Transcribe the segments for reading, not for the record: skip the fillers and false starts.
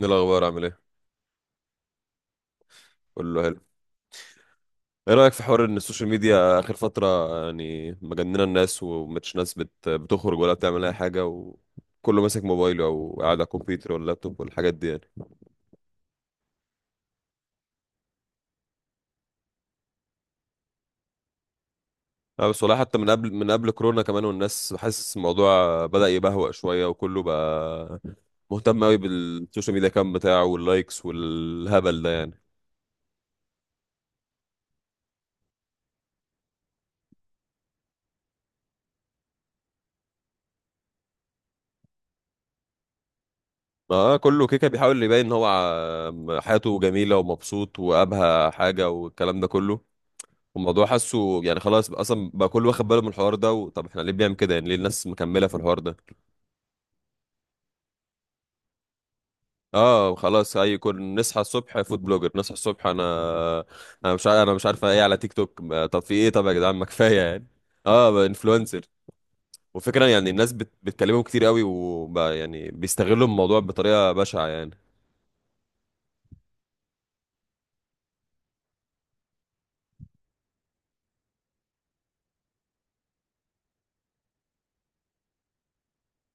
ايه الاخبار؟ عامل ايه؟ كله حلو. ايه رايك في حوار ان السوشيال ميديا اخر فتره؟ يعني مجننه الناس ومش ناس بتخرج ولا بتعمل اي حاجه وكله ماسك موبايله او قاعد على الكمبيوتر ولا اللابتوب والحاجات دي يعني. اه بس والله حتى من قبل كورونا كمان، والناس حاسس الموضوع بدأ يبهوأ شويه وكله بقى مهتم قوي بالسوشيال ميديا كام بتاعه واللايكس والهبل ده يعني. اه كله كيكه بيحاول يبين ان هو حياته جميله ومبسوط وابهى حاجه والكلام ده كله. الموضوع حاسه يعني خلاص بقى اصلا بقى كله واخد باله من الحوار ده طب احنا ليه بنعمل كده؟ يعني ليه الناس مكمله في الحوار ده؟ اه خلاص اي كون نصحى الصبح فود بلوجر نصحى الصبح انا. انا مش عارف انا مش عارفه ايه على تيك توك طب في ايه؟ طب يا جدعان ما كفايه يعني. اه انفلونسر. وفكرة يعني الناس بتكلمهم كتير قوي وبقى يعني بيستغلوا الموضوع بطريقه بشعه يعني.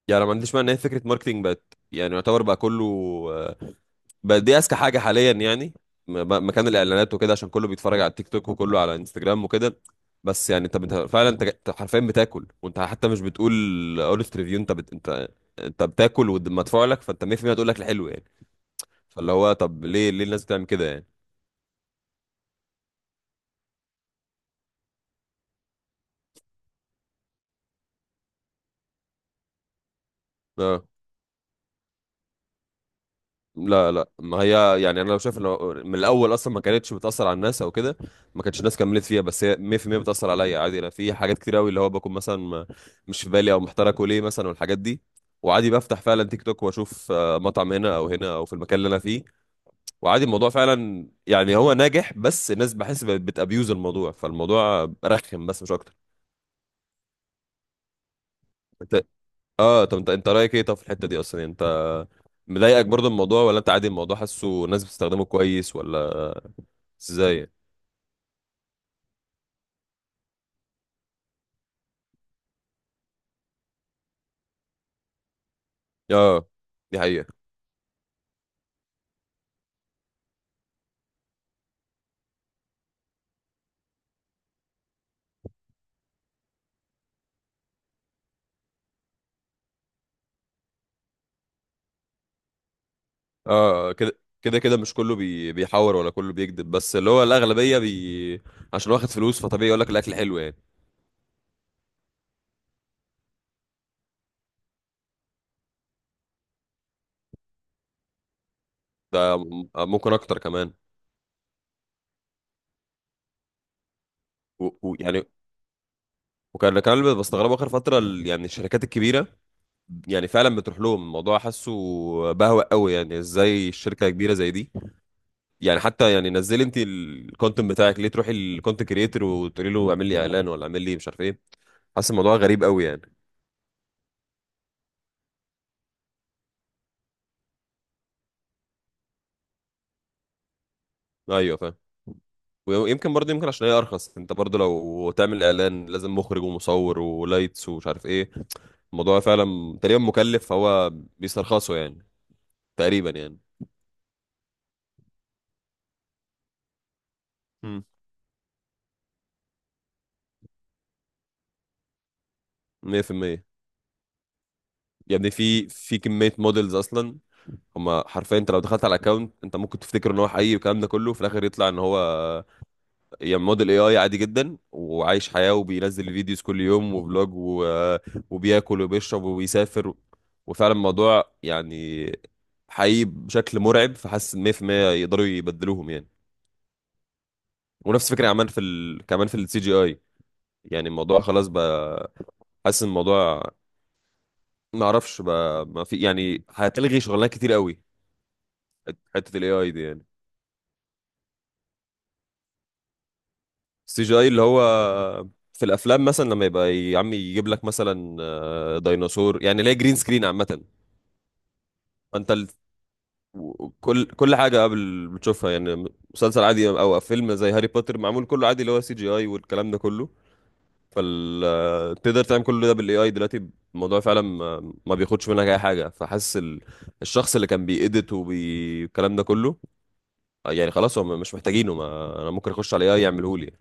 يعني أنا ما عنديش مانع ان هي فكره ماركتينج بقت يعني يعتبر بقى كله آه، بقت دي اذكى حاجه حاليا يعني. مكان الاعلانات وكده عشان كله بيتفرج على التيك توك وكله على انستجرام وكده. بس يعني انت فعلا انت أنت حرفيا بتاكل، وانت حتى مش بتقول اونست ريفيو. انت انت بتاكل ومدفوع لك، فانت 100% هتقول لك الحلو يعني. فاللي هو طب ليه الناس بتعمل كده يعني؟ آه. لا لا، ما هي يعني انا لو شايف انه من الاول اصلا ما كانتش بتاثر على الناس او كده ما كانتش الناس كملت فيها، بس هي 100% بتاثر عليا عادي. انا في حاجات كتير قوي اللي هو بكون مثلا مش في بالي او محتار اكل ايه مثلا والحاجات دي، وعادي بفتح فعلا تيك توك واشوف مطعم هنا او هنا او في المكان اللي انا فيه، وعادي الموضوع فعلا يعني هو ناجح. بس الناس بحس بتابيوز الموضوع، فالموضوع رخم بس مش اكتر. اه طب انت رايك ايه طب في الحته دي اصلا؟ يعني انت مضايقك برضه الموضوع ولا انت عادي الموضوع حاسه الناس بتستخدمه كويس ولا؟ ازاي؟ اه دي حقيقه. اه كده كده كده مش كله بيحور ولا كله بيكذب، بس اللي هو الاغلبيه عشان واخد فلوس فطبيعي يقول لك الاكل حلو يعني. ده ممكن اكتر كمان. يعني وكان كان اللي بستغربه اخر فتره يعني الشركات الكبيره يعني فعلا بتروح لهم. الموضوع حاسه بهوأ قوي يعني. ازاي شركه كبيره زي دي يعني حتى يعني نزلي انت الكونتنت بتاعك، ليه تروحي الكونتنت كريتور وتقولي له اعمل لي اعلان ولا اعمل لي مش عارف ايه؟ حاسس الموضوع غريب قوي يعني. ايوه فاهم. ويمكن برضه يمكن عشان هي ارخص. انت برضه لو تعمل اعلان لازم مخرج ومصور ولايتس ومش عارف ايه، الموضوع فعلا تقريبا مكلف فهو بيسترخصه يعني، تقريبا يعني. امم. 100%. يا ابني في كمية موديلز اصلا. هما حرفيا، انت لو دخلت على الاكونت انت ممكن تفتكر ان هو حقيقي والكلام ده كله، في الاخر يطلع ان هو يعني موديل اي اي عادي جدا، وعايش حياة وبينزل فيديوز كل يوم وفلوج و... آه، وبياكل وبيشرب وبيسافر، وفعلا الموضوع يعني حقيقي بشكل مرعب، فحاسس إن 100% يقدروا يبدلوهم يعني. ونفس الفكرة عمال كمان في السي جي اي، يعني الموضوع خلاص بقى. حاسس إن الموضوع ما اعرفش بقى، ما في يعني، هتلغي شغلانات كتير قوي حتة الاي اي دي يعني. السي جي اي اللي هو في الافلام مثلا لما يبقى يا عم يجيب لك مثلا ديناصور يعني، اللي هي جرين سكرين عامه. انت ال... كل حاجه قبل بتشوفها يعني، مسلسل عادي او فيلم زي هاري بوتر معمول كله عادي اللي هو سي جي اي والكلام ده كله. فال آه، تقدر تعمل كل ده بالاي اي دلوقتي. الموضوع فعلا ما بياخدش منك اي حاجه، فحاسس الشخص اللي كان بيأديت والكلام ده كله يعني خلاص هم مش محتاجينه. ما... انا ممكن اخش على اي اي يعمله لي.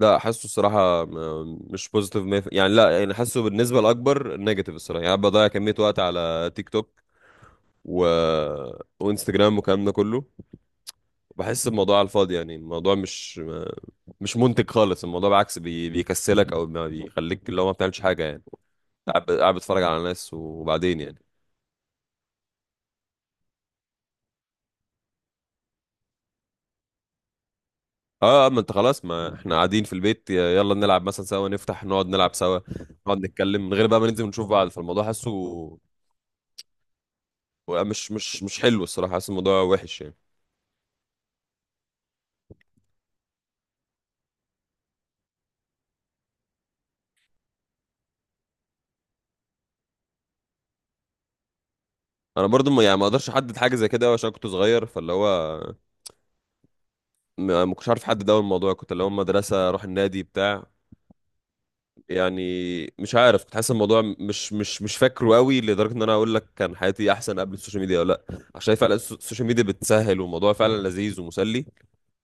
لا، حاسه الصراحه مش بوزيتيف مية في المية يعني. لا يعني، حاسه بالنسبه الاكبر نيجاتيف الصراحه يعني. أنا بضيع كميه وقت على تيك توك و... وانستجرام والكلام ده كله. بحس الموضوع على الفاضي يعني الموضوع مش منتج خالص. الموضوع بالعكس بيكسلك او ما بيخليك اللي هو ما بتعملش حاجه يعني. قاعد قاعد بتتفرج على ناس وبعدين يعني. اه ما انت خلاص، ما احنا قاعدين في البيت، يلا نلعب مثلا سوا، نفتح نقعد نلعب سوا، نقعد نتكلم من غير بقى ما ننزل ونشوف بعض. فالموضوع حاسه مش حلو الصراحه. حاسس الموضوع وحش يعني. انا برضو ما يعني ما اقدرش احدد حاجه زي كده أوي عشان كنت صغير، فاللي هو ما كنتش عارف احدد. اول الموضوع كنت اللي هو مدرسه اروح النادي بتاع يعني. مش عارف، كنت حاسس الموضوع مش فاكره قوي لدرجه ان انا اقول لك كان حياتي احسن قبل السوشيال ميديا ولا لا، عشان فعلا السوشيال ميديا بتسهل والموضوع فعلا لذيذ ومسلي.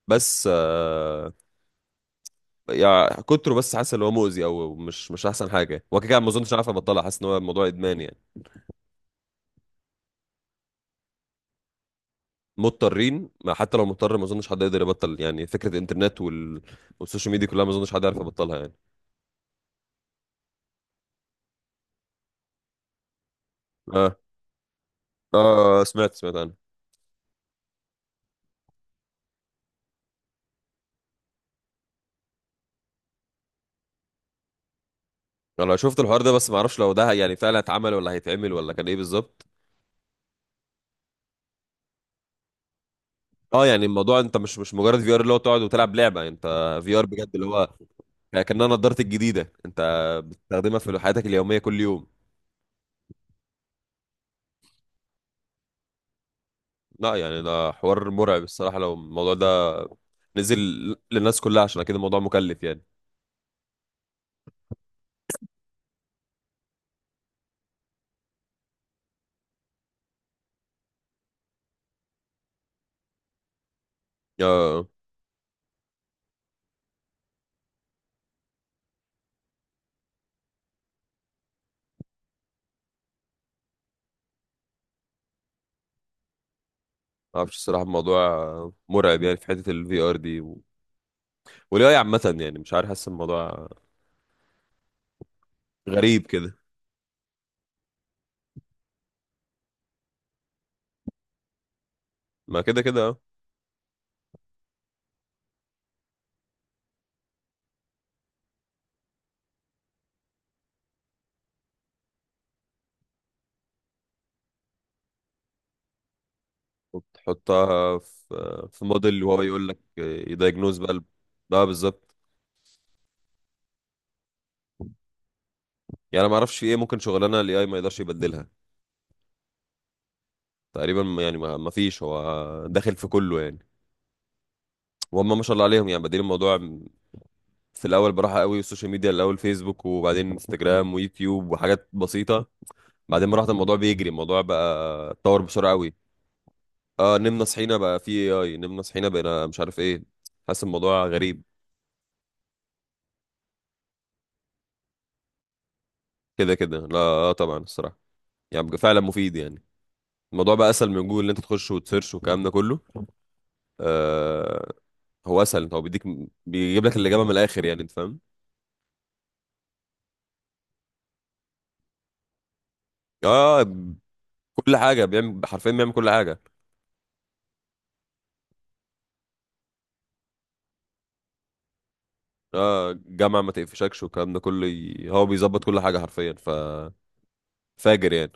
بس آه يعني كتره، بس حاسس ان هو مؤذي او مش احسن حاجه. وكده كده ما اظنش عارف ابطلها، حاسس ان هو الموضوع ادمان يعني. مضطرين؟ ما حتى لو مضطر ما اظنش حد يقدر يبطل يعني فكره الانترنت والسوشيال ميديا كلها. ما اظنش حد يعرف يبطلها يعني. اه. اه، سمعت عنها. انا شفت الحوار ده بس ما اعرفش لو ده يعني فعلا اتعمل ولا هيتعمل ولا كان ايه بالظبط. اه يعني الموضوع انت مش مجرد في ار اللي هو تقعد وتلعب لعبه يعني، انت في ار بجد اللي هو كأنها نضارتك الجديدة انت بتستخدمها في حياتك اليومية كل يوم. لا يعني ده حوار مرعب الصراحة، لو الموضوع ده نزل للناس كلها، عشان كده الموضوع مكلف يعني. اه آه، ما اعرفش الصراحة، الموضوع مرعب يعني في حتة الفي ار دي والاي عامة. يعني مش عارف، حاسس الموضوع غريب كده. ما كده كده اه. وبتحطها في موديل وهو يقول لك يدايجنوز بقى اه بالظبط. يعني انا ما اعرفش في ايه ممكن شغلانه الاي اي ما يقدرش يبدلها. تقريبا يعني ما فيش، هو داخل في كله يعني. وهم ما شاء الله عليهم يعني بادئين الموضوع في الاول براحه قوي: السوشيال ميديا الاول فيسبوك وبعدين انستجرام ويوتيوب وحاجات بسيطه. بعدين براحه الموضوع بيجري، الموضوع بقى اتطور بسرعه قوي. اه نمنا صحينا بقى في اي اي، نمنا صحينا بقينا مش عارف ايه. حاسس الموضوع غريب. كده كده لا آه طبعا الصراحه، يعني بقى فعلا مفيد يعني. الموضوع بقى اسهل من جوجل ان انت تخش وتسيرش والكلام ده كله. آه، هو اسهل، هو بيديك، بيجيب لك الاجابه من الاخر يعني، انت فاهم. اه كل حاجه بيعمل، حرفيا بيعمل كل حاجه. اه جامعه ما تقفشكش والكلام ده كله، هو بيظبط كل حاجه حرفيا، فاجر يعني.